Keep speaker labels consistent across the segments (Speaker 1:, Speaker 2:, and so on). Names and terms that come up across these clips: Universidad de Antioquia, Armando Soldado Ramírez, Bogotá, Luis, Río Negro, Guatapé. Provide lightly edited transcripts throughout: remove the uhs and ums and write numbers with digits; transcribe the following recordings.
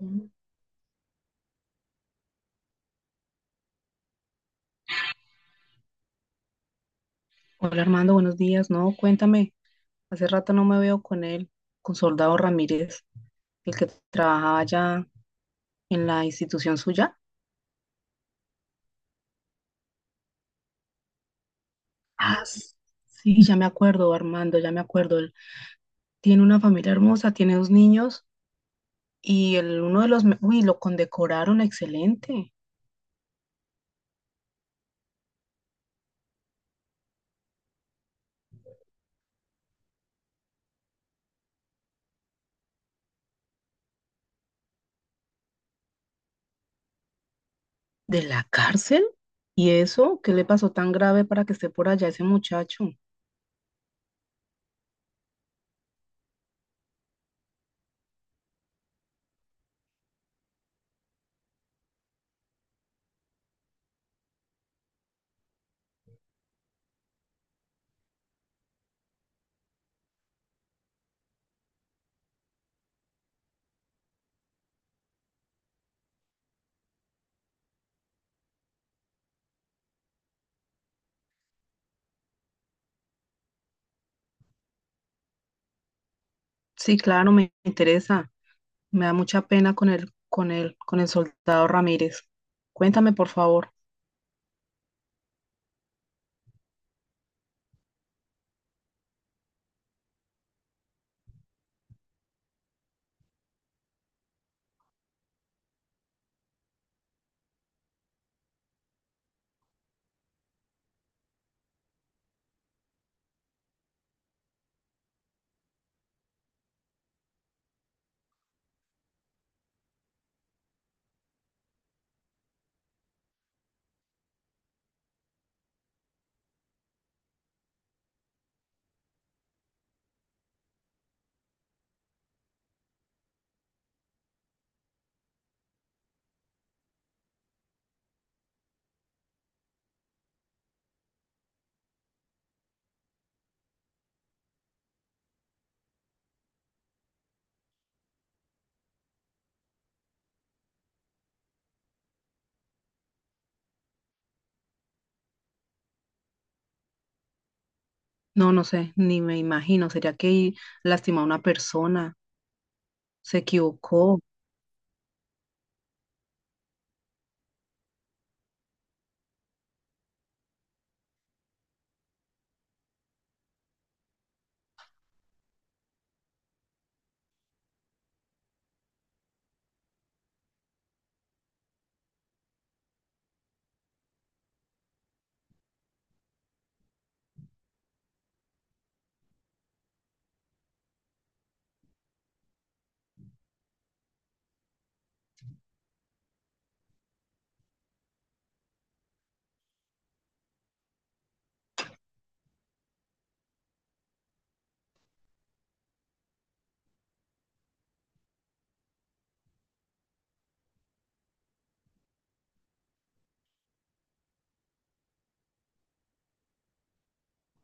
Speaker 1: Mm. Hola Armando, buenos días. No, cuéntame, hace rato no me veo con él, con Soldado Ramírez, el que trabajaba allá en la institución suya. Ah, s- sí, ya me acuerdo, Armando, ya me acuerdo. Él tiene una familia hermosa, tiene dos niños y el, uno de los, me- uy, lo condecoraron excelente. ¿De la cárcel? ¿Y eso? ¿Qué le pasó tan grave para que esté por allá ese muchacho? Sí, claro, me interesa. Me da mucha pena con el soldado Ramírez. Cuéntame, por favor. No, no sé, ni me imagino. ¿Sería que lastimó a una persona? ¿Se equivocó?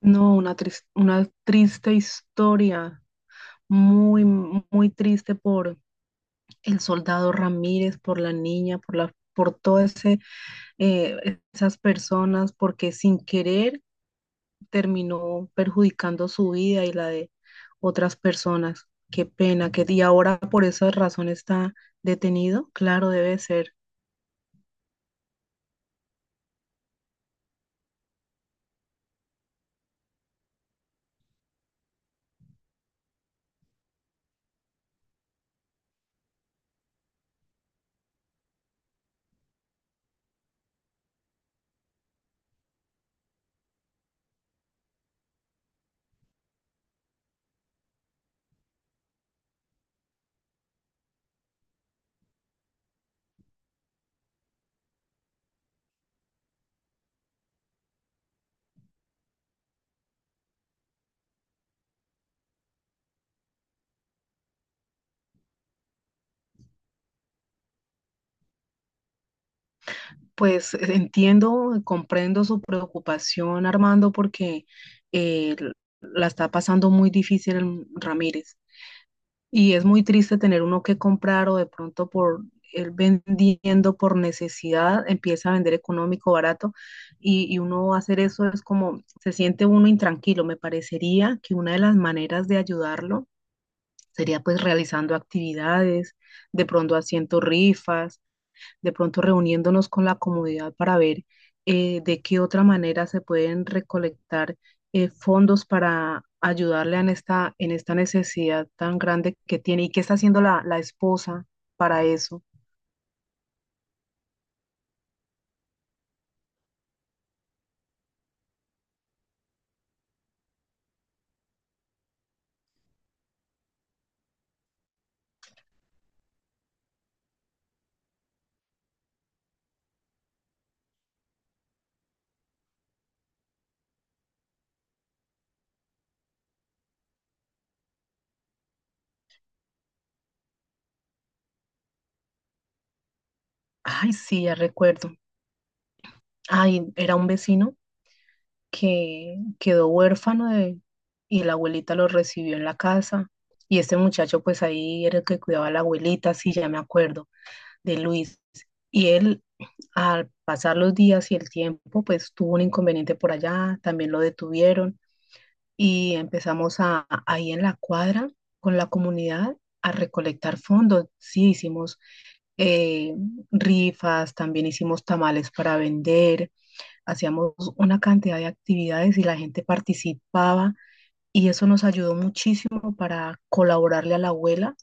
Speaker 1: No, una triste historia. Muy triste por el soldado Ramírez, por la niña, por todas esas personas, porque sin querer terminó perjudicando su vida y la de otras personas. Qué pena, que y ahora por esa razón está detenido. Claro, debe ser. Pues entiendo, comprendo su preocupación, Armando, porque eh, la está pasando muy difícil Ramírez. Y es muy triste tener uno que comprar o de pronto por él vendiendo por necesidad, empieza a vender económico, barato, y uno hacer eso es como, se siente uno intranquilo. Me parecería que una de las maneras de ayudarlo sería pues realizando actividades, de pronto haciendo rifas, de pronto reuniéndonos con la comunidad para ver de qué otra manera se pueden recolectar fondos para ayudarle en esta necesidad tan grande que tiene y qué está haciendo la esposa para eso. Ay, sí, ya recuerdo. Ay, era un vecino que quedó huérfano de, y la abuelita lo recibió en la casa. Y este muchacho, pues ahí era el que cuidaba a la abuelita, sí, ya me acuerdo de Luis. Y él, al pasar los días y el tiempo, pues tuvo un inconveniente por allá, también lo detuvieron y empezamos a, ahí en la cuadra con la comunidad a recolectar fondos. Sí, hicimos eh, rifas, también hicimos tamales para vender, hacíamos una cantidad de actividades y la gente participaba y eso nos ayudó muchísimo para colaborarle a la abuela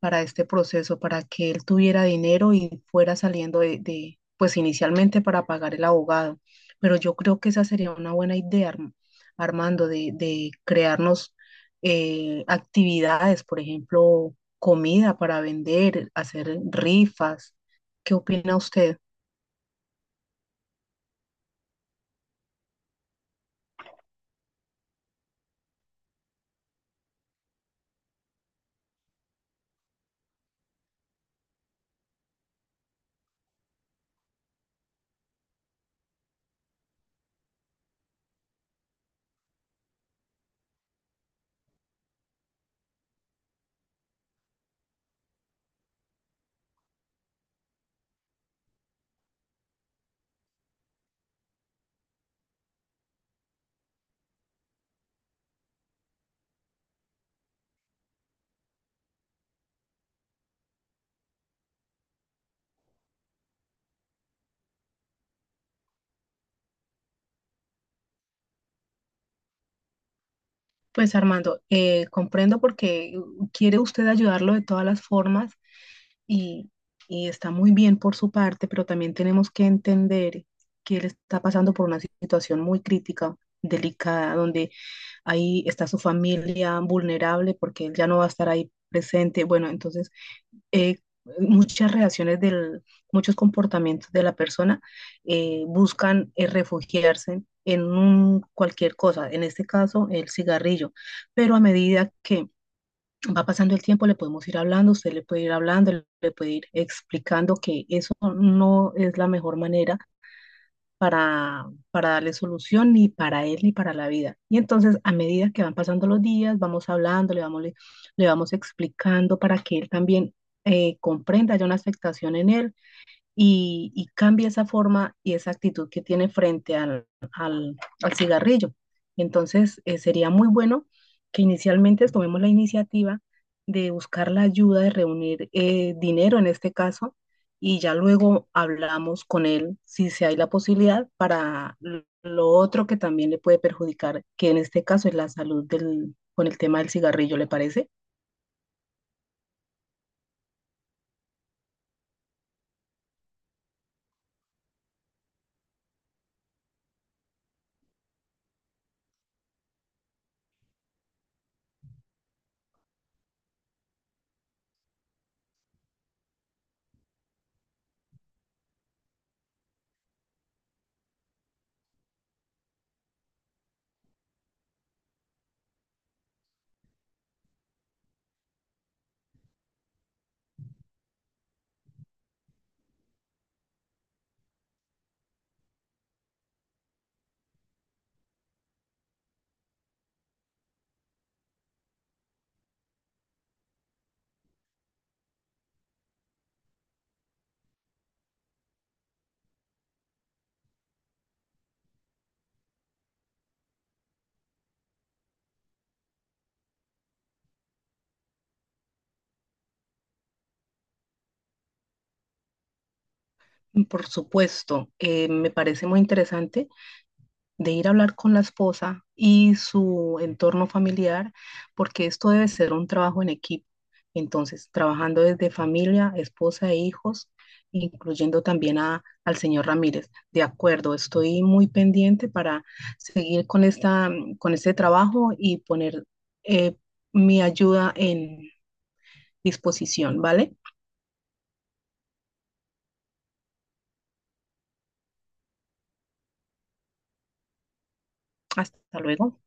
Speaker 1: para este proceso, para que él tuviera dinero y fuera saliendo pues inicialmente para pagar el abogado. Pero yo creo que esa sería una buena idea, Armando, de crearnos actividades, por ejemplo, comida para vender, hacer rifas. ¿Qué opina usted? Pues Armando, comprendo porque quiere usted ayudarlo de todas las formas y, y está muy bien por su parte, pero también tenemos que entender que él está pasando por una situación muy crítica, delicada, donde ahí está su familia vulnerable porque él ya no va a estar ahí presente. Bueno, entonces eh, muchas reacciones del, muchos comportamientos de la persona buscan refugiarse en cualquier cosa, en este caso el cigarrillo, pero a medida que va pasando el tiempo le podemos ir hablando, usted le puede ir hablando, le puede ir explicando que eso no es la mejor manera para darle solución ni para él ni para la vida. Y entonces, a medida que van pasando los días, vamos hablando, le vamos explicando para que él también comprenda, haya una afectación en él y cambia esa forma y esa actitud que tiene frente al, al cigarrillo. Entonces, sería muy bueno que inicialmente tomemos la iniciativa de buscar la ayuda, de reunir dinero en este caso, y ya luego hablamos con él si se hay la posibilidad para lo otro que también le puede perjudicar, que en este caso es la salud del, con el tema del cigarrillo, ¿le parece? Por supuesto, me parece muy interesante de ir a hablar con la esposa y su entorno familiar, porque esto debe ser un trabajo en equipo. Entonces, trabajando desde familia, esposa e hijos, incluyendo también al señor Ramírez. De acuerdo, estoy muy pendiente para seguir con esta, con este trabajo y poner eh, mi ayuda en disposición, ¿vale? Hasta luego.